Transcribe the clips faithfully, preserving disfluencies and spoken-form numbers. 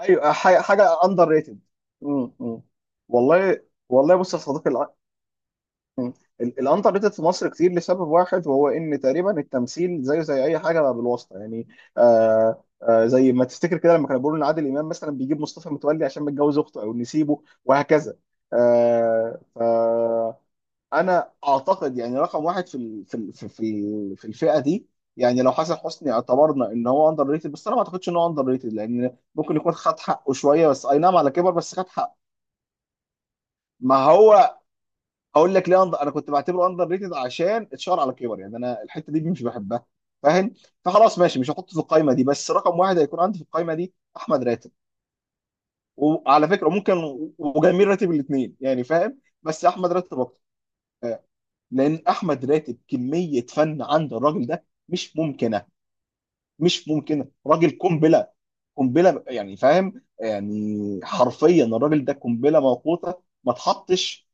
ايوه، ح- حاجه اندر ريتد. والله. والله، بص يا صديقي الع... مم. ال- الاندر ريتد في مصر كتير لسبب واحد، وهو ان تقريبا التمثيل زيه زي اي حاجه بالواسطه يعني. آه آه زي ما تفتكر كده لما كانوا بيقولوا ان عادل امام مثلا بيجيب مصطفى متولي عشان متجوز اخته او نسيبه وهكذا. آه انا اعتقد يعني رقم واحد في ال- في ال- في في في الفئه دي. يعني لو حسن حسني اعتبرنا ان هو اندر ريتد، بس انا ما اعتقدش ان هو اندر ريتد، لان ممكن يكون خد حقه شويه، بس اي نعم على كبر بس خد حقه. ما هو اقول لك ليه أندر... انا كنت بعتبره اندر ريتد عشان اتشهر على كبر، يعني انا الحته دي مش بحبها. فاهم؟ فخلاص ماشي، مش هحطه في القايمه دي، بس رقم واحد هيكون عندي في القايمه دي احمد راتب. وعلى فكره ممكن وجميل راتب الاثنين يعني، فاهم؟ بس احمد راتب اكتر. لان احمد راتب كميه فن عند الراجل ده مش ممكنه. مش ممكنه، راجل قنبله. قنبله يعني فاهم، يعني حرفيا الراجل ده قنبله موقوته. ما تحطش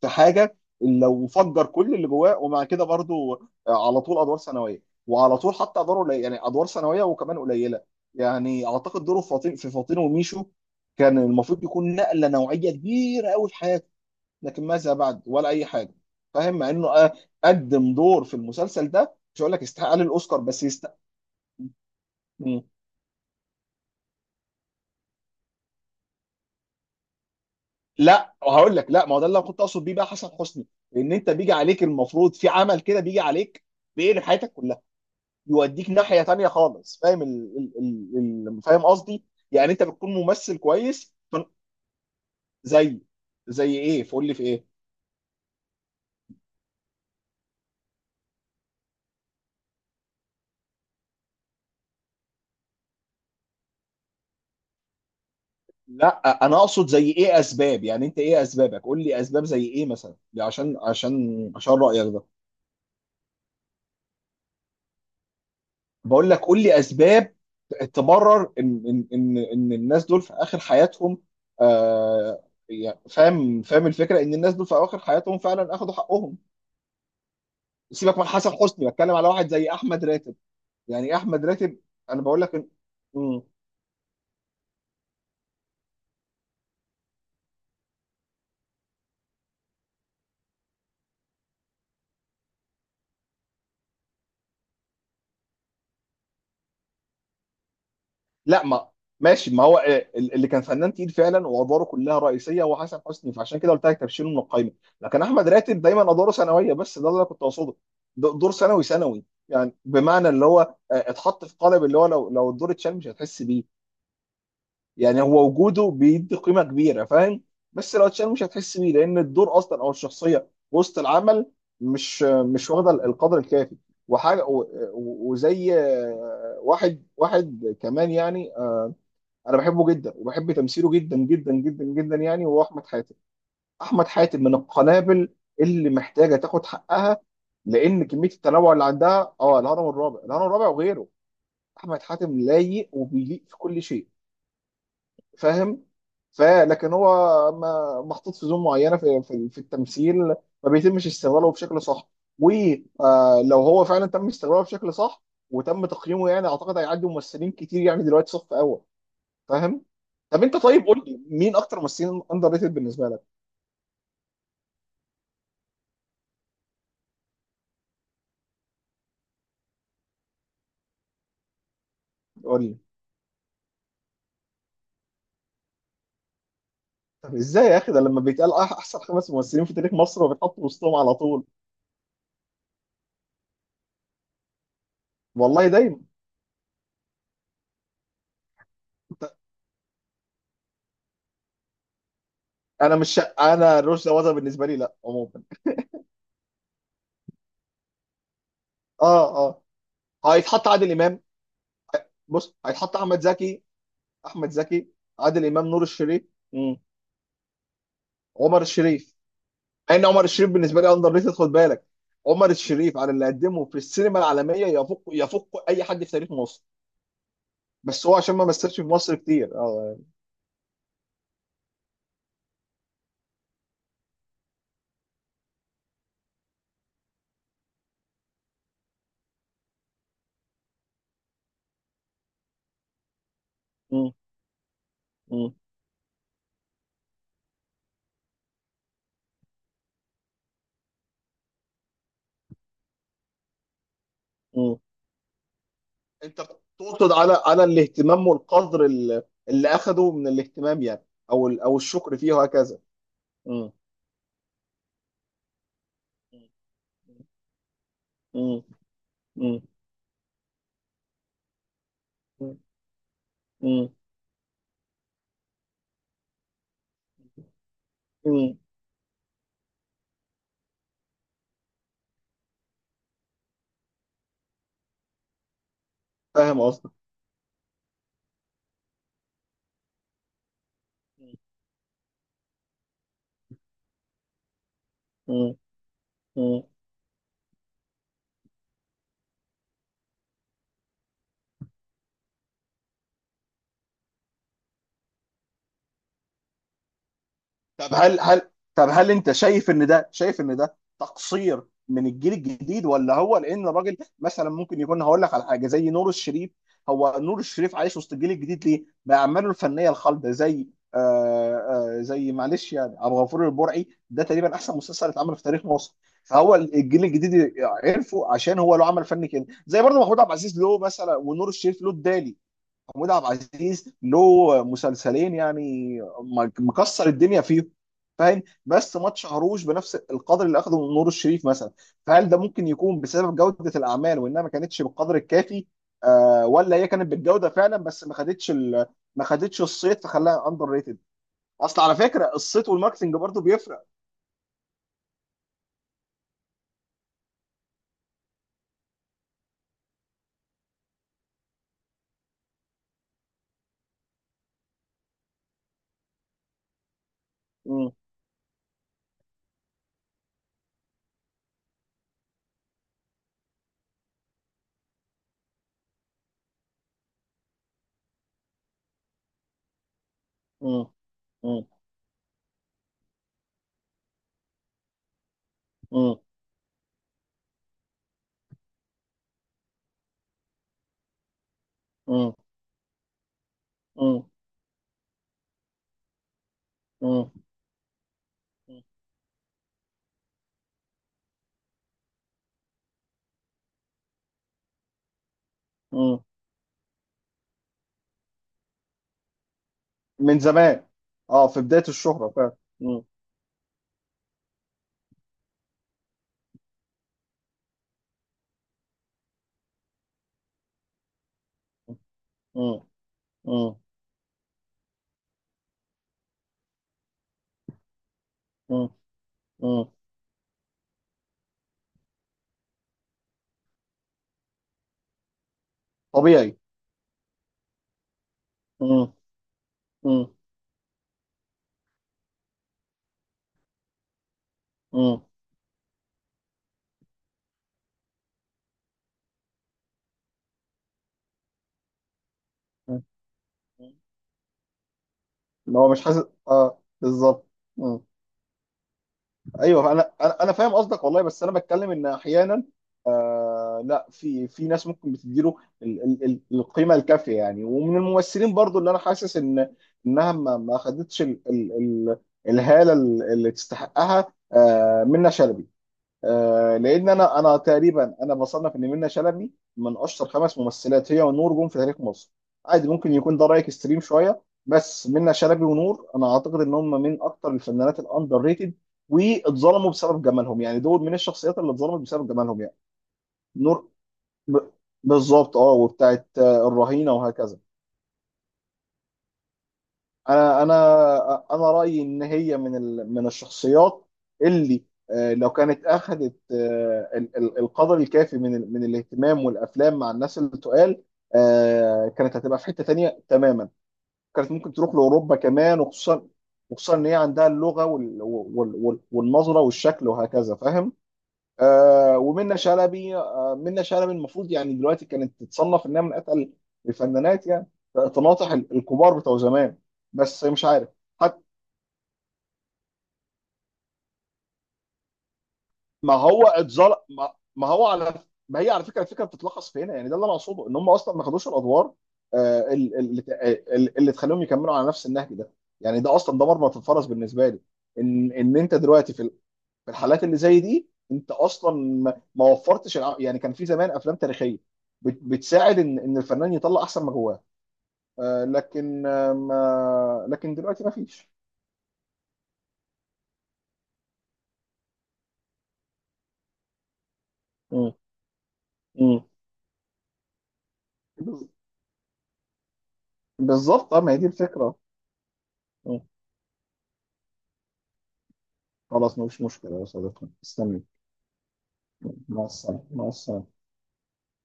في حاجه الا وفجر كل اللي جواه، ومع كده برضو على طول ادوار ثانويه، وعلى طول حتى ادوار قليله، يعني ادوار ثانويه وكمان قليله. يعني اعتقد دوره في فاطين في فاطين وميشو كان المفروض يكون نقله نوعيه كبيره قوي في حياته. لكن ماذا بعد؟ ولا اي حاجه. فاهم؟ مع انه آه، قدم دور في المسلسل ده، مش هقول لك يستحق الاوسكار، بس يستحق. مم. لا هقول لك، لا، ما هو ده اللي أنا كنت اقصد بيه بقى حسن حسني. ان انت بيجي عليك المفروض في عمل كده بيجي عليك بيقلب حياتك كلها. يوديك ناحيه تانية خالص، فاهم؟ ال... ال... ال... ال... فاهم قصدي؟ يعني انت بتكون ممثل كويس ف... زي زي ايه؟ فقول لي في ايه؟ لا انا اقصد زي ايه اسباب، يعني انت ايه اسبابك؟ قول لي اسباب زي ايه مثلا، عشان عشان عشان رايك ده. بقول لك قول لي اسباب تبرر ان ان ان ان الناس دول في اخر حياتهم. آه يعني فاهم فاهم الفكره، ان الناس دول في اخر حياتهم فعلا اخذوا حقهم. سيبك من حسن حسني، بتكلم على واحد زي احمد راتب. يعني إيه احمد راتب؟ انا بقول لك إن- مم. لا ما ماشي، ما هو آه، اللي كان فنان تقيل فعلا وادواره كلها رئيسيه هو حسن حسني، فعشان كده قلت لك تبشيره من القايمه. لكن احمد راتب دايما ادواره ثانويه، بس ده اللي انا كنت اقصده. د- دور ثانوي ثانوي، يعني بمعنى اللي هو آه، اتحط في قالب اللي هو لو لو الدور اتشال مش هتحس بيه. يعني هو وجوده بيدي قيمه كبيره، فاهم؟ بس لو اتشال مش هتحس بيه، لان الدور اصلا او الشخصيه وسط العمل مش آه، مش واخده القدر الكافي. وحاجه و- و- وزي آه، واحد واحد كمان يعني آه، انا بحبه جدا وبحب تمثيله جدا جدا جدا جدا يعني، وهو احمد حاتم. احمد حاتم من القنابل، اللي محتاجه تاخد حقها، لان كميه التنوع اللي عندها اه الهرم الرابع الهرم الرابع وغيره. احمد حاتم لايق وبيليق في كل شيء، فاهم؟ فلكن هو ما محطوط في زون معينه في في, في التمثيل. ما بيتمش استغلاله بشكل صح. ولو هو فعلا تم استغلاله بشكل صح وتم تقييمه، يعني اعتقد هيعدي ممثلين كتير، يعني دلوقتي صف اول، فاهم؟ طب انت طيب قول لي مين اكتر ممثلين اندر ريتد بالنسبه لك؟ قول لي. طب ازاي يا اخي ده لما بيتقال أح- احسن خمس ممثلين في تاريخ مصر وبيتحطوا وسطهم على طول؟ والله دايما. انا مش انا رشدي أباظة بالنسبه لي لا، عموما. اه اه. هيتحط عادل امام. بص هيتحط احمد زكي. احمد زكي. عادل امام، نور الشريف. مم. عمر الشريف. مع ان عمر الشريف بالنسبه لي اندر ريتد، خد بالك. عمر الشريف على اللي قدمه في السينما العالميه يفوق يفوق اي حد في تاريخ مصر. بس هو عشان ما مثلش في مصر كتير اه مم. مم. مم. انت تقصد على على الاهتمام والقدر ال- اللي اخده من الاهتمام يعني، او ال- او الشكر فيه وهكذا؟ مم. مم. مم. مم. مم. مم. فاهم قصدك. مم. مم. طب هل هل طب هل انت شايف ان ده شايف ان ده تقصير من الجيل الجديد، ولا هو لان الراجل مثلا ممكن يكون؟ هقول لك على حاجه زي نور الشريف. هو نور الشريف عايش وسط الجيل الجديد ليه؟ باعماله الفنيه الخالده، زي آه آه زي معلش يعني عبد الغفور البرعي، ده تقريبا احسن مسلسل اتعمل في تاريخ مصر. فهو الجيل الجديد عرفه عشان هو له عمل فني كده، زي برضه محمود عبد العزيز له مثلا، ونور الشريف له الدالي. محمود عبد العزيز له مسلسلين يعني مكسر الدنيا فيهم، فاهم؟ بس ما اتشهروش بنفس القدر اللي اخده من نور الشريف مثلا. فهل ده ممكن يكون بسبب جودة الاعمال، وانها ما كانتش بالقدر الكافي؟ آه ولا هي كانت بالجودة فعلا، بس ما خدتش ال... ما خدتش الصيت فخلاها اندر ريتد. اصل على فكرة الصيت والماركتنج برضو بيفرق. مم. مم. مم. مم. مم. مم. مم. مم. من زمان. اه، في بداية الشهرة فعلا. مم. مم. مم. مم. طبيعي. مم. مم. مم. مم. ان هو مش حاسس، اه، بالظبط. مم. ايوه انا انا أنا فاهم قصدك والله، بس انا بتكلم ان احيانا... آه لا، في في ناس ممكن بتديله ال- ال- ال- القيمه الكافيه يعني، ومن الممثلين برضو اللي انا حاسس ان انها ما ما خدتش ال ال ال الهاله ال- اللي تستحقها. آه منة شلبي. آه، لان انا انا تقريبا انا بصنف ان منة شلبي من اشطر خمس ممثلات، هي ونور، جم في تاريخ مصر. عادي ممكن يكون ده رايك اكستريم شويه، بس منة شلبي ونور انا اعتقد ان هم من اكتر الفنانات الاندر ريتد، واتظلموا بسبب جمالهم، يعني دول من الشخصيات اللي اتظلمت بسبب جمالهم يعني. نور ب... بالظبط، اه، وبتاعت آه، الرهينه وهكذا. انا انا انا رايي ان هي من ال- من الشخصيات اللي آه، لو كانت اخذت آه، ال- ال- القدر الكافي من ال- من الاهتمام والافلام مع الناس اللي تقال، آه، كانت هتبقى في حته تانية تماما. كانت ممكن تروح لاوروبا كمان، وخصوصا وخصوصا ان هي عندها اللغه وال- وال- وال- والنظره والشكل وهكذا، فاهم؟ آه ومنة شلبي، آه منة شلبي المفروض يعني دلوقتي كانت تتصنف انها من اتقل الفنانات يعني، تناطح ال- الكبار بتوع زمان، بس مش عارف. حتى ما هو اتظلم. ما, ما هو على ما هي على فكره، الفكره بتتلخص في هنا، يعني ده اللي انا اقصده، ان هم اصلا ما خدوش الادوار آه ال- ال- اللي ال- اللي تخليهم يكملوا على نفس النهج ده. يعني ده اصلا ده مرمط الفرس بالنسبه لي. ان ان انت دلوقتي في في الحالات اللي زي دي، انت اصلا ما ما وفرتش الع- يعني كان في زمان افلام تاريخيه بت- بتساعد ان ان الفنان يطلع احسن ما جواه. آه، لكن آه، ما لكن دلوقتي ما فيش. مم. مم. بز- بالظبط، اه، ما هي دي الفكره. مم. خلاص مفيش مشكله يا صديقي، استني. مع السلامه مع السلامه.